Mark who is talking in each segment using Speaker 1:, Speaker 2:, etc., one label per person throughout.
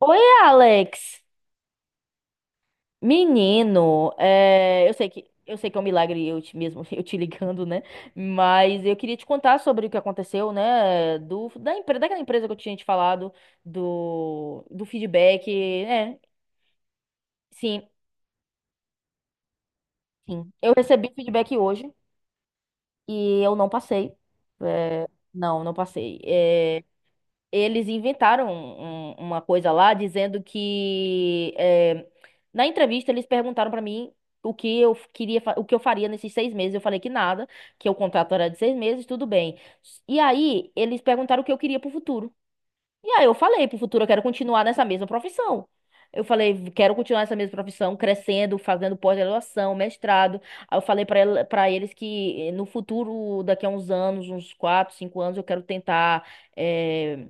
Speaker 1: Oi, Alex. Menino, eu sei que é um milagre eu te mesmo eu te ligando, né? Mas eu queria te contar sobre o que aconteceu, né? Do da empresa, daquela empresa que eu tinha te falado do feedback, né? Sim, sim. Eu recebi feedback hoje e eu não passei. É, não, não passei. Eles inventaram uma coisa lá dizendo que na entrevista eles perguntaram pra mim o que eu faria nesses 6 meses. Eu falei que nada, que o contrato era de 6 meses, tudo bem. E aí eles perguntaram o que eu queria pro futuro. E aí eu falei pro futuro eu quero continuar nessa mesma profissão. Eu falei, quero continuar nessa mesma profissão, crescendo, fazendo pós-graduação, mestrado. Aí eu falei pra eles que no futuro, daqui a uns anos, uns 4, 5 anos, eu quero tentar eh,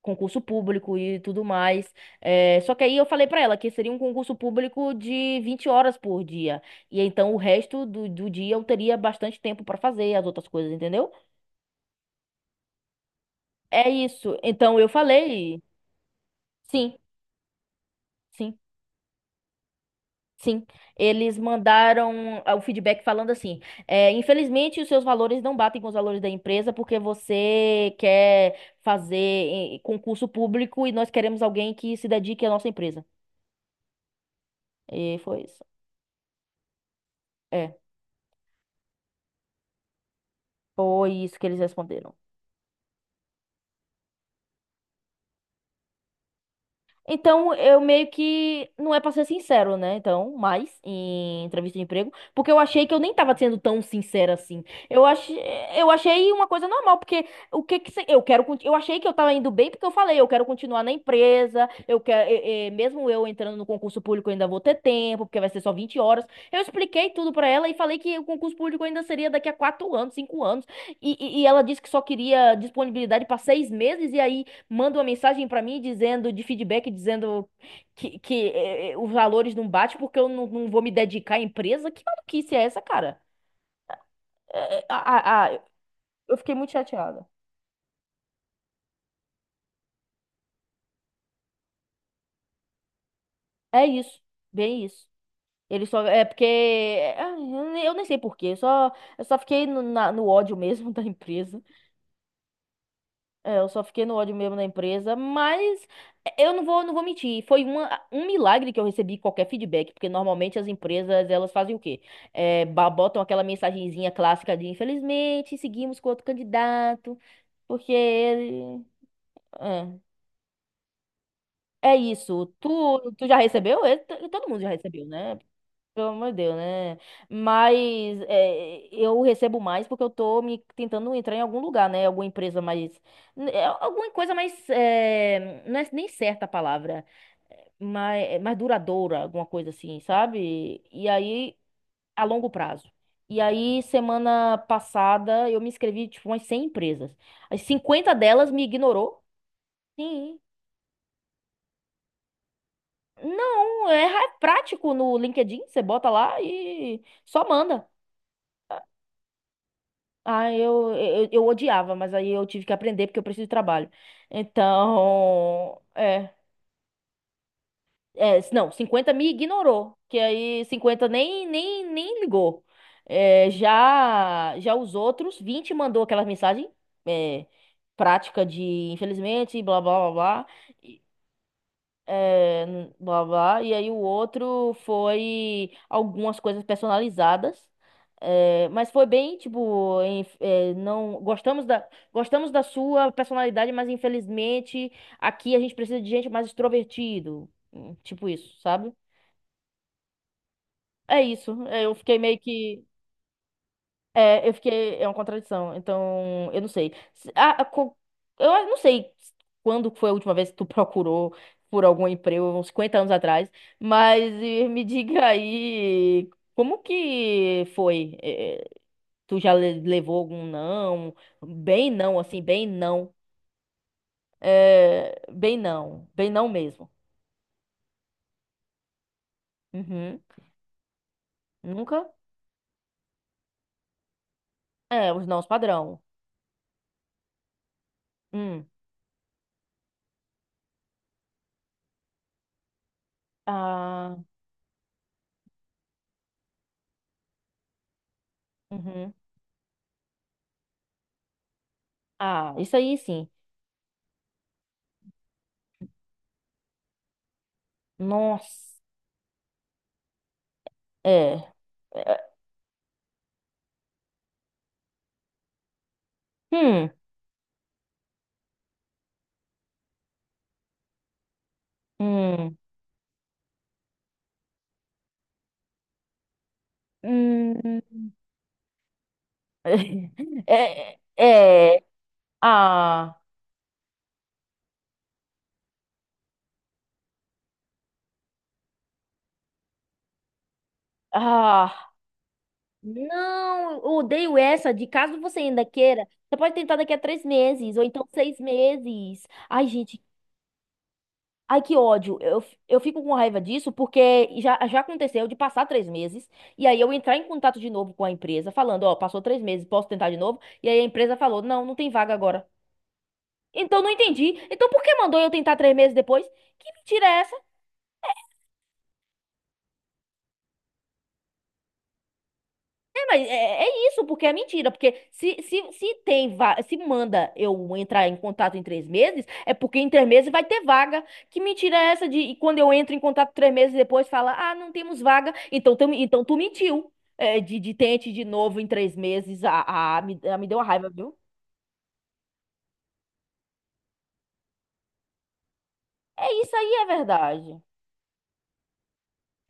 Speaker 1: concurso público e tudo mais. É, só que aí eu falei pra ela que seria um concurso público de 20 horas por dia. E então o resto do dia eu teria bastante tempo pra fazer as outras coisas, entendeu? É isso. Então eu falei, sim, sim. Sim, eles mandaram o feedback falando assim: infelizmente, os seus valores não batem com os valores da empresa porque você quer fazer concurso público e nós queremos alguém que se dedique à nossa empresa. E foi isso. É. Foi isso que eles responderam. Então, eu meio que. Não é pra ser sincero, né? Então, mais em entrevista de emprego. Porque eu achei que eu nem tava sendo tão sincera assim. Eu achei, eu achei uma coisa normal. Porque o que que. Eu quero. Eu achei que eu tava indo bem porque eu falei, eu quero continuar na empresa. Eu quero. Mesmo eu entrando no concurso público, eu ainda vou ter tempo, porque vai ser só 20 horas. Eu expliquei tudo pra ela e falei que o concurso público ainda seria daqui a 4 anos, 5 anos. E ela disse que só queria disponibilidade pra 6 meses. E aí. Manda uma mensagem pra mim dizendo, de feedback, dizendo que os valores não batem porque eu não vou me dedicar à empresa? Que maluquice é essa, cara? É, é, ah, ah, ah, eu fiquei muito chateada. É isso, bem isso. Ele só. É porque. Eu nem sei por quê. Só, eu só fiquei no ódio mesmo da empresa. É, eu só fiquei no ódio mesmo na empresa, mas eu não vou mentir. Foi um milagre que eu recebi qualquer feedback, porque normalmente as empresas elas fazem o quê? É, botam aquela mensagenzinha clássica de infelizmente seguimos com outro candidato, porque ele. É, é isso. Tu já recebeu? É, todo mundo já recebeu, né? Pelo amor de Deus, né? Mas eu recebo mais porque eu tô me tentando entrar em algum lugar, né? Alguma empresa mais. Alguma coisa mais. Não é nem certa a palavra, mas mais duradoura, alguma coisa assim, sabe? E aí, a longo prazo. E aí, semana passada, eu me inscrevi, tipo, umas 100 empresas. As 50 delas me ignorou. Sim. Não, é prático no LinkedIn, você bota lá e só manda. Ah, eu odiava, mas aí eu tive que aprender porque eu preciso de trabalho. Então, não, 50 me ignorou, que aí 50 nem ligou. É, já já os outros 20 mandou aquela mensagem é, prática de infelizmente blá blá blá blá é, blá blá. E aí o outro foi algumas coisas personalizadas. Mas foi bem, tipo, não gostamos da sua personalidade, mas infelizmente aqui a gente precisa de gente mais extrovertido. Hum. Tipo isso, sabe? É isso. Eu fiquei meio que. É, eu fiquei. É uma contradição. Então, eu não sei. Eu não sei quando foi a última vez que tu procurou por algum emprego, uns 50 anos atrás, mas me diga aí como que foi? Tu já levou algum não? Bem não, assim, bem não. É, bem não. Bem não mesmo. Uhum. Nunca? É, os nãos padrão. Hum. Ah, uhum. Ah, isso aí sim. Nossa. É. É. Hum. Hum. Hum. É. É. Ah. Ah. Não, eu odeio essa. De caso você ainda queira, você pode tentar daqui a 3 meses, ou então 6 meses. Ai, gente. Ai, que ódio. Eu, eu fico com raiva disso porque já, já aconteceu de passar 3 meses e aí eu entrar em contato de novo com a empresa, falando, ó, passou 3 meses, posso tentar de novo? E aí a empresa falou, não, não tem vaga agora. Então não entendi. Então por que mandou eu tentar 3 meses depois? Que mentira é essa? É, mas é, é isso, porque é mentira. Porque se se manda eu entrar em contato em 3 meses, é porque em 3 meses vai ter vaga. Que mentira é essa de e quando eu entro em contato 3 meses depois fala, ah, não temos vaga. Então tu mentiu. É, de tente de novo em 3 meses. Ah, ah, me deu uma raiva, viu? É isso aí, é verdade.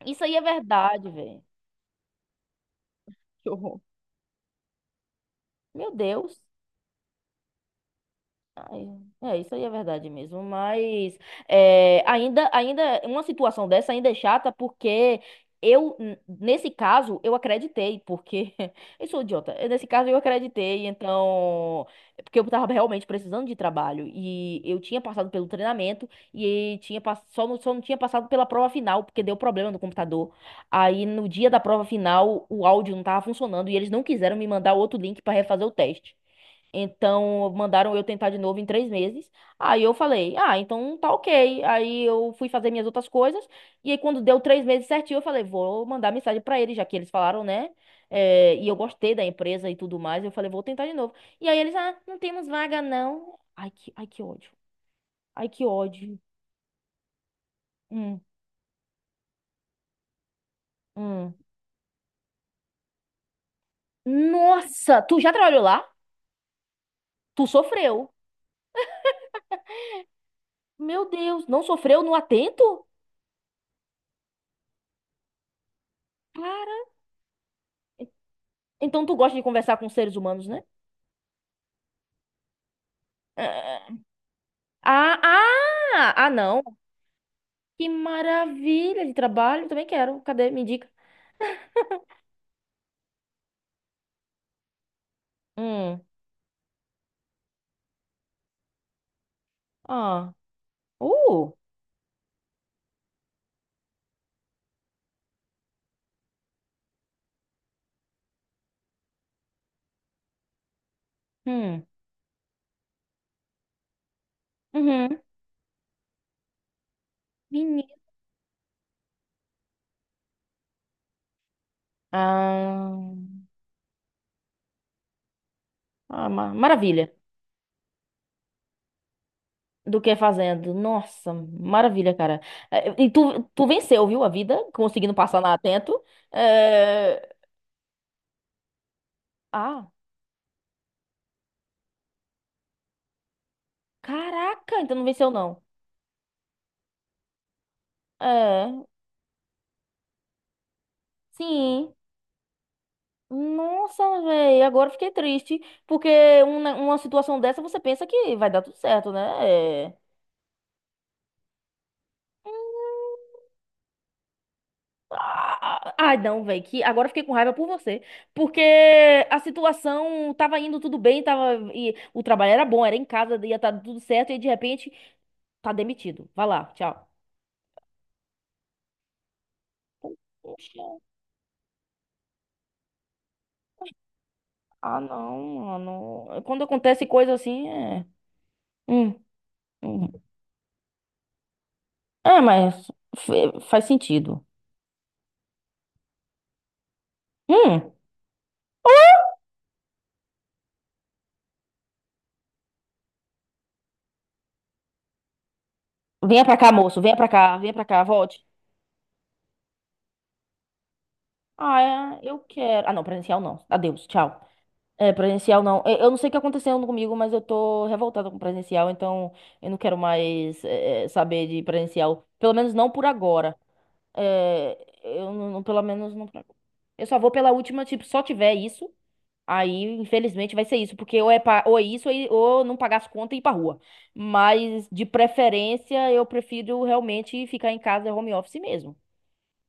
Speaker 1: Isso aí é verdade, velho. Que horror. Meu Deus. Ai. É, isso aí é verdade mesmo, mas uma situação dessa ainda é chata porque nesse caso, eu acreditei, porque eu sou idiota. Eu, nesse caso eu acreditei, então, é porque eu tava realmente precisando de trabalho e eu tinha passado pelo treinamento e tinha, só não tinha passado pela prova final, porque deu problema no computador. Aí no dia da prova final o áudio não tava funcionando e eles não quiseram me mandar outro link para refazer o teste. Então, mandaram eu tentar de novo em 3 meses. Aí eu falei, ah, então tá ok. Aí eu fui fazer minhas outras coisas. E aí, quando deu 3 meses certinho, eu falei, vou mandar mensagem pra eles, já que eles falaram, né? É, e eu gostei da empresa e tudo mais. Eu falei, vou tentar de novo. E aí eles, ah, não temos vaga, não. Ai, que ódio. Ai, que ódio. Hum, hum. Nossa, tu já trabalhou lá? Tu sofreu. Meu Deus, não sofreu no atento? Cara. Então tu gosta de conversar com seres humanos, né? Ah, ah! Ah, não. Que maravilha de trabalho. Também quero. Cadê? Me indica. Hum. Ah. Uh. Hum. Uhum. Menina. Ah. Ah, maravilha. Do que é fazendo. Nossa, maravilha, cara. E tu venceu, viu, a vida? Conseguindo passar na Atento. Eh, Ah, caraca, então não venceu, não. É, sim. Nossa, velho, agora eu fiquei triste, porque uma situação dessa você pensa que vai dar tudo certo, né? É. Ah, ai, não, velho, que agora eu fiquei com raiva por você, porque a situação tava indo tudo bem, tava e o trabalho era bom, era em casa, ia estar tudo certo e de repente tá demitido. Vai lá, tchau. Poxa. Ah, não, mano. Quando acontece coisa assim, é, hum, hum. É, mas faz sentido. Hum. Venha pra cá, moço, venha pra cá, volte. Ah, é, eu quero. Ah, não, presencial não. Adeus, tchau. É, presencial não. Eu não sei o que aconteceu comigo, mas eu tô revoltada com presencial, então eu não quero mais saber de presencial. Pelo menos não por agora. É, eu não, não- pelo menos não por agora. Eu só vou pela última, tipo, só tiver isso, aí infelizmente vai ser isso, porque ou é, ou é isso, ou não pagar as contas e ir pra rua. Mas de preferência, eu prefiro realmente ficar em casa, home office mesmo.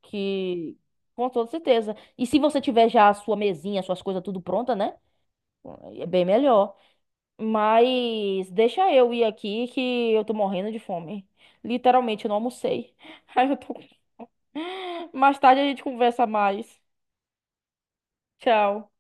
Speaker 1: Que, com toda certeza. E se você tiver já a sua mesinha, suas coisas tudo pronta, né? É bem melhor. Mas deixa eu ir aqui que eu tô morrendo de fome. Literalmente, eu não almocei. Aí eu tô. Mais tarde a gente conversa mais. Tchau.